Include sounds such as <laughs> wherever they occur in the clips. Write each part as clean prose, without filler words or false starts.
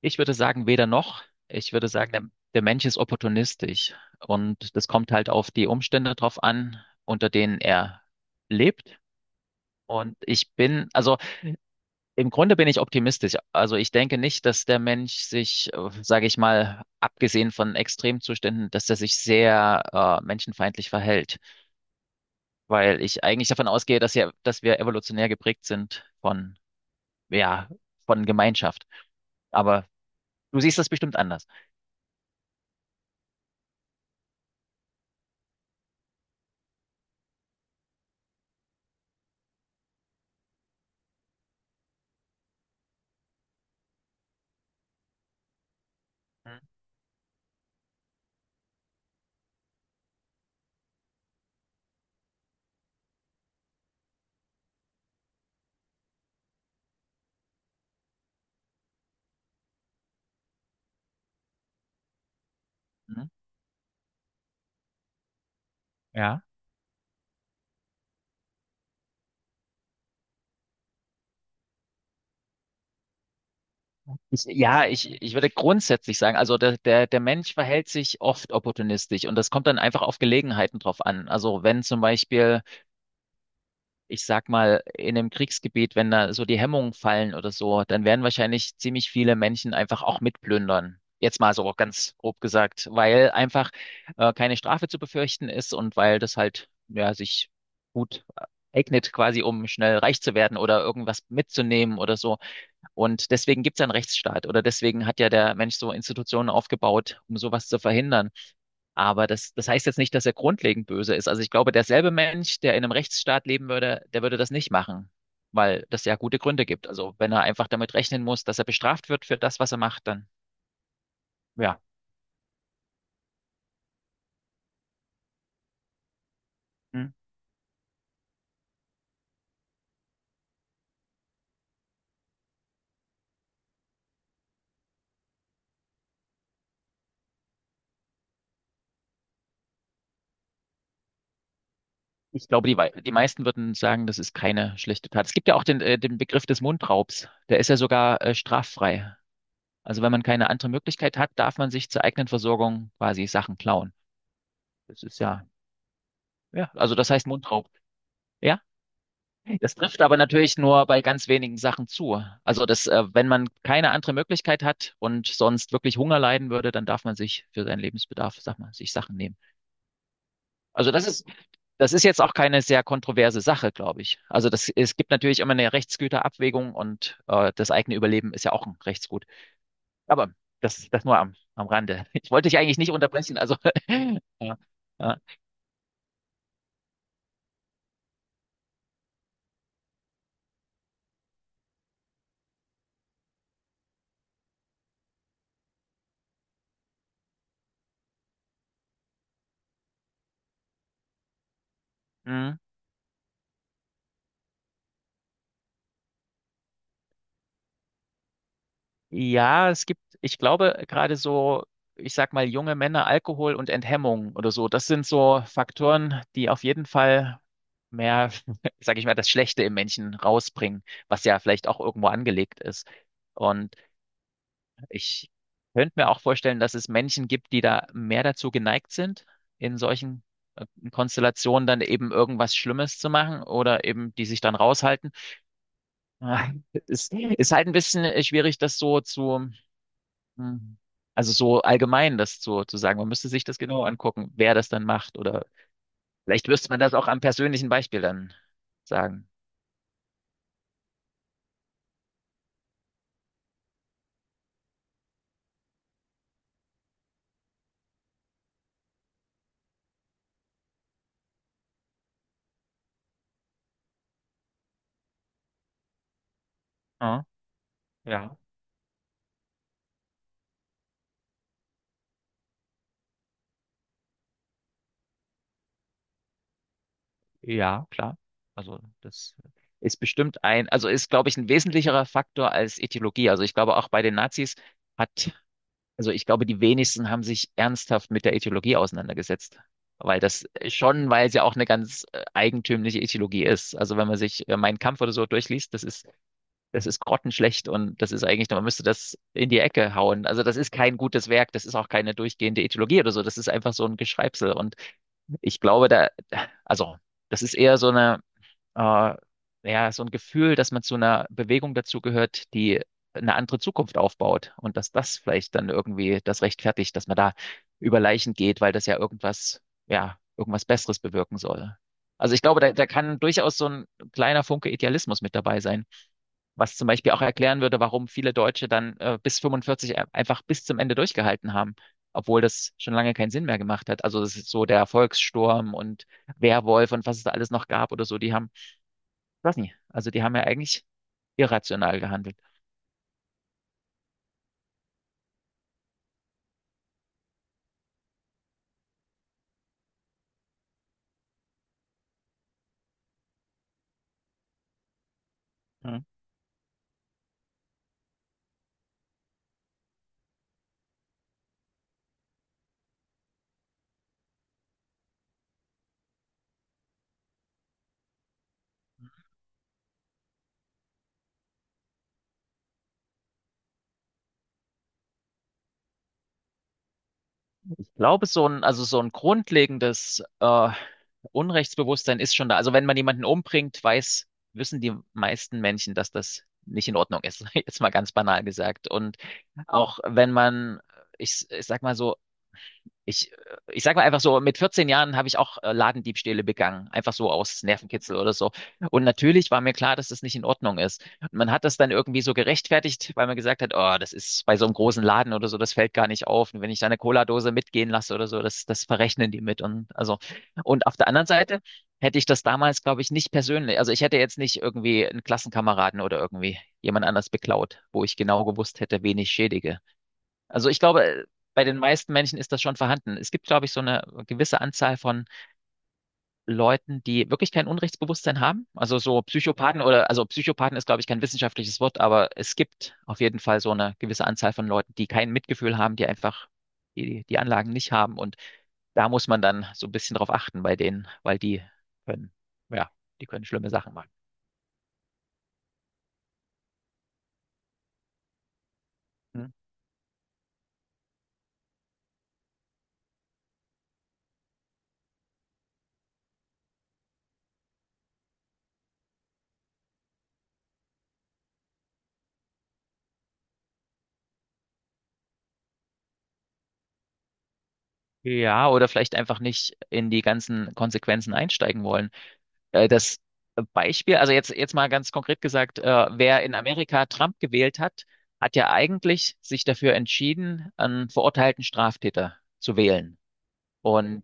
Ich würde sagen, weder noch. Ich würde sagen, der Mensch ist opportunistisch und das kommt halt auf die Umstände drauf an, unter denen er lebt. Und ich bin, also im Grunde bin ich optimistisch. Also ich denke nicht, dass der Mensch sich, sage ich mal, abgesehen von Extremzuständen, dass er sich sehr menschenfeindlich verhält, weil ich eigentlich davon ausgehe, dass wir evolutionär geprägt sind ja, von Gemeinschaft. Aber du siehst das bestimmt anders. Mhm. Ich würde grundsätzlich sagen, also der Mensch verhält sich oft opportunistisch und das kommt dann einfach auf Gelegenheiten drauf an. Also wenn zum Beispiel, ich sag mal, in einem Kriegsgebiet, wenn da so die Hemmungen fallen oder so, dann werden wahrscheinlich ziemlich viele Menschen einfach auch mitplündern. Jetzt mal so ganz grob gesagt, weil einfach keine Strafe zu befürchten ist und weil das halt, ja, sich gut eignet quasi, um schnell reich zu werden oder irgendwas mitzunehmen oder so. Und deswegen gibt es ja einen Rechtsstaat oder deswegen hat ja der Mensch so Institutionen aufgebaut, um sowas zu verhindern. Aber das heißt jetzt nicht, dass er grundlegend böse ist. Also ich glaube, derselbe Mensch, der in einem Rechtsstaat leben würde, der würde das nicht machen, weil das ja gute Gründe gibt. Also wenn er einfach damit rechnen muss, dass er bestraft wird für das, was er macht, dann ja. Hm. Ich glaube, die meisten würden sagen, das ist keine schlechte Tat. Es gibt ja auch den Begriff des Mundraubs. Der ist ja sogar straffrei. Also wenn man keine andere Möglichkeit hat, darf man sich zur eigenen Versorgung quasi Sachen klauen. Das ist ja, ja, also das heißt Mundraub. Ja, das trifft aber natürlich nur bei ganz wenigen Sachen zu. Also wenn man keine andere Möglichkeit hat und sonst wirklich Hunger leiden würde, dann darf man sich für seinen Lebensbedarf, sag mal, sich Sachen nehmen. Also das ist jetzt auch keine sehr kontroverse Sache, glaube ich. Also das, es gibt natürlich immer eine Rechtsgüterabwägung und das eigene Überleben ist ja auch ein Rechtsgut. Aber das, das nur am, am Rande. Ich wollte dich eigentlich nicht unterbrechen, also <laughs> ja, ja. Mhm. Ja, es gibt, ich glaube, gerade so, ich sag mal, junge Männer, Alkohol und Enthemmung oder so, das sind so Faktoren, die auf jeden Fall mehr, <laughs> sag ich mal, das Schlechte im Menschen rausbringen, was ja vielleicht auch irgendwo angelegt ist. Und ich könnte mir auch vorstellen, dass es Menschen gibt, die da mehr dazu geneigt sind, in solchen äh, Konstellationen dann eben irgendwas Schlimmes zu machen oder eben die sich dann raushalten. Ah, <laughs> es ist halt ein bisschen schwierig, das so zu Mhm. Also so allgemein das zu sagen, man müsste sich das genau angucken, wer das dann macht oder vielleicht müsste man das auch am persönlichen Beispiel dann sagen. Ja, ja, ja, klar. Also das ist bestimmt ein, also ist, glaube ich, ein wesentlicherer Faktor als Ethologie. Also ich glaube auch bei den Nazis hat, also ich glaube, die wenigsten haben sich ernsthaft mit der Ethologie auseinandergesetzt. Weil das schon, weil es ja auch eine ganz eigentümliche Ethologie ist. Also wenn man sich Mein Kampf oder so durchliest, das ist grottenschlecht und das ist eigentlich, man müsste das in die Ecke hauen. Also das ist kein gutes Werk, das ist auch keine durchgehende Ethologie oder so, das ist einfach so ein Geschreibsel. Und ich glaube, da, also das ist eher äh, ja, so ein Gefühl, dass man zu einer Bewegung dazugehört, die eine andere Zukunft aufbaut und dass das vielleicht dann irgendwie das rechtfertigt, dass man da über Leichen geht, weil das ja irgendwas Besseres bewirken soll. Also ich glaube, da kann durchaus so ein kleiner Funke Idealismus mit dabei sein. Was zum Beispiel auch erklären würde, warum viele Deutsche dann bis 45 einfach bis zum Ende durchgehalten haben, obwohl das schon lange keinen Sinn mehr gemacht hat. Also das ist so der Volkssturm und Werwolf und was es da alles noch gab oder so, die haben, ich weiß nicht, also die haben ja eigentlich irrational gehandelt. Ja. Ich glaube, so ein, also so ein grundlegendes Unrechtsbewusstsein ist schon da. Also wenn man jemanden umbringt, wissen die meisten Menschen, dass das nicht in Ordnung ist, <laughs> jetzt mal ganz banal gesagt. Und auch wenn man, ich, ich sag mal so, ich, ich sag mal einfach so, mit 14 Jahren habe ich auch Ladendiebstähle begangen, einfach so aus Nervenkitzel oder so. Und natürlich war mir klar, dass das nicht in Ordnung ist. Und man hat das dann irgendwie so gerechtfertigt, weil man gesagt hat, oh, das ist bei so einem großen Laden oder so, das fällt gar nicht auf. Und wenn ich da eine Cola-Dose mitgehen lasse oder so, das verrechnen die mit. Und also, und auf der anderen Seite hätte ich das damals, glaube ich, nicht persönlich, also ich hätte jetzt nicht irgendwie einen Klassenkameraden oder irgendwie jemand anders beklaut, wo ich genau gewusst hätte, wen ich schädige. Also ich glaube, bei den meisten Menschen ist das schon vorhanden. Es gibt, glaube ich, so eine gewisse Anzahl von Leuten, die wirklich kein Unrechtsbewusstsein haben. Also so Psychopathen oder, also Psychopathen ist, glaube ich, kein wissenschaftliches Wort, aber es gibt auf jeden Fall so eine gewisse Anzahl von Leuten, die kein Mitgefühl haben, die einfach die Anlagen nicht haben. Und da muss man dann so ein bisschen drauf achten bei denen, weil die können, ja, die können schlimme Sachen machen. Hm. Ja, oder vielleicht einfach nicht in die ganzen Konsequenzen einsteigen wollen. Das Beispiel, also jetzt, mal ganz konkret gesagt, wer in Amerika Trump gewählt hat, hat ja eigentlich sich dafür entschieden, einen verurteilten Straftäter zu wählen. Und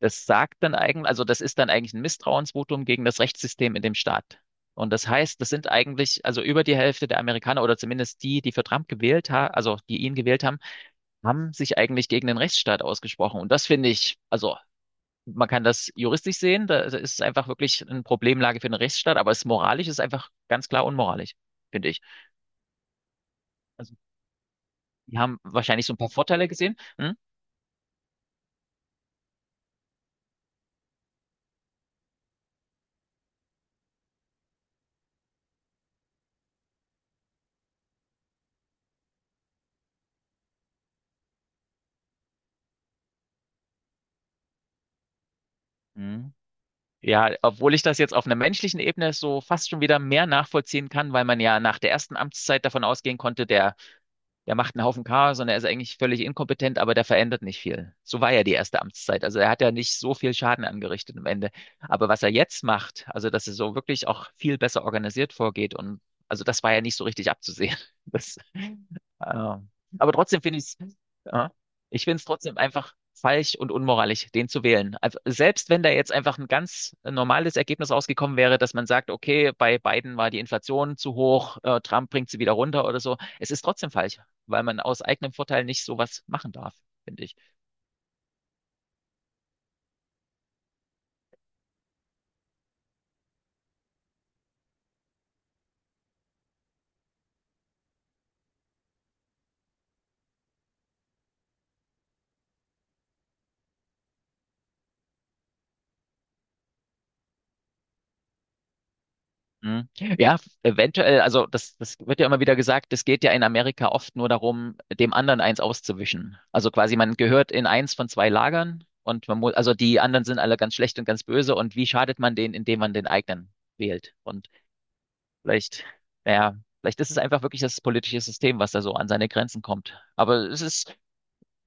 das sagt dann eigentlich, also das ist dann eigentlich ein Misstrauensvotum gegen das Rechtssystem in dem Staat. Und das heißt, das sind eigentlich, also über die Hälfte der Amerikaner oder zumindest die, die für Trump gewählt haben, also die ihn gewählt haben, haben sich eigentlich gegen den Rechtsstaat ausgesprochen. Und das finde ich, also man kann das juristisch sehen, da ist es einfach wirklich eine Problemlage für den Rechtsstaat, aber es moralisch ist einfach ganz klar unmoralisch, finde ich. Also die haben wahrscheinlich so ein paar Vorteile gesehen. Hm? Hm. Ja, obwohl ich das jetzt auf einer menschlichen Ebene so fast schon wieder mehr nachvollziehen kann, weil man ja nach der ersten Amtszeit davon ausgehen konnte, der macht einen Haufen Chaos und er ist eigentlich völlig inkompetent, aber der verändert nicht viel. So war ja die erste Amtszeit. Also er hat ja nicht so viel Schaden angerichtet am Ende. Aber was er jetzt macht, also dass er so wirklich auch viel besser organisiert vorgeht und also das war ja nicht so richtig abzusehen. <laughs> Das, äh, aber trotzdem finde ich es, ja, ich finde es trotzdem einfach falsch und unmoralisch, den zu wählen. Also selbst wenn da jetzt einfach ein ganz normales Ergebnis rausgekommen wäre, dass man sagt, okay, bei Biden war die Inflation zu hoch, Trump bringt sie wieder runter oder so, es ist trotzdem falsch, weil man aus eigenem Vorteil nicht sowas machen darf, finde ich. Mhm. <laughs> Ja, eventuell, also das, das wird ja immer wieder gesagt, es geht ja in Amerika oft nur darum, dem anderen eins auszuwischen. Also quasi, man gehört in eins von zwei Lagern und man muss, also die anderen sind alle ganz schlecht und ganz böse und wie schadet man denen, indem man den eigenen wählt? Und vielleicht, naja, vielleicht ist es einfach wirklich das politische System, was da so an seine Grenzen kommt. Aber es ist,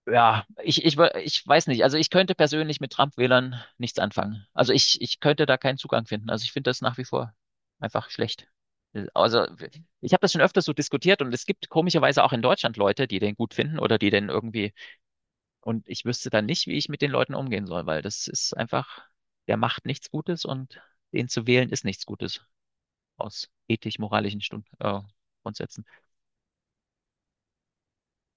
ja, ich weiß nicht. Also ich könnte persönlich mit Trump-Wählern nichts anfangen. Also ich könnte da keinen Zugang finden. Also ich finde das nach wie vor einfach schlecht. Also ich habe das schon öfters so diskutiert und es gibt komischerweise auch in Deutschland Leute, die den gut finden oder die den irgendwie. Und ich wüsste dann nicht, wie ich mit den Leuten umgehen soll, weil das ist einfach, der macht nichts Gutes und den zu wählen ist nichts Gutes aus ethisch-moralischen Stund Grundsätzen.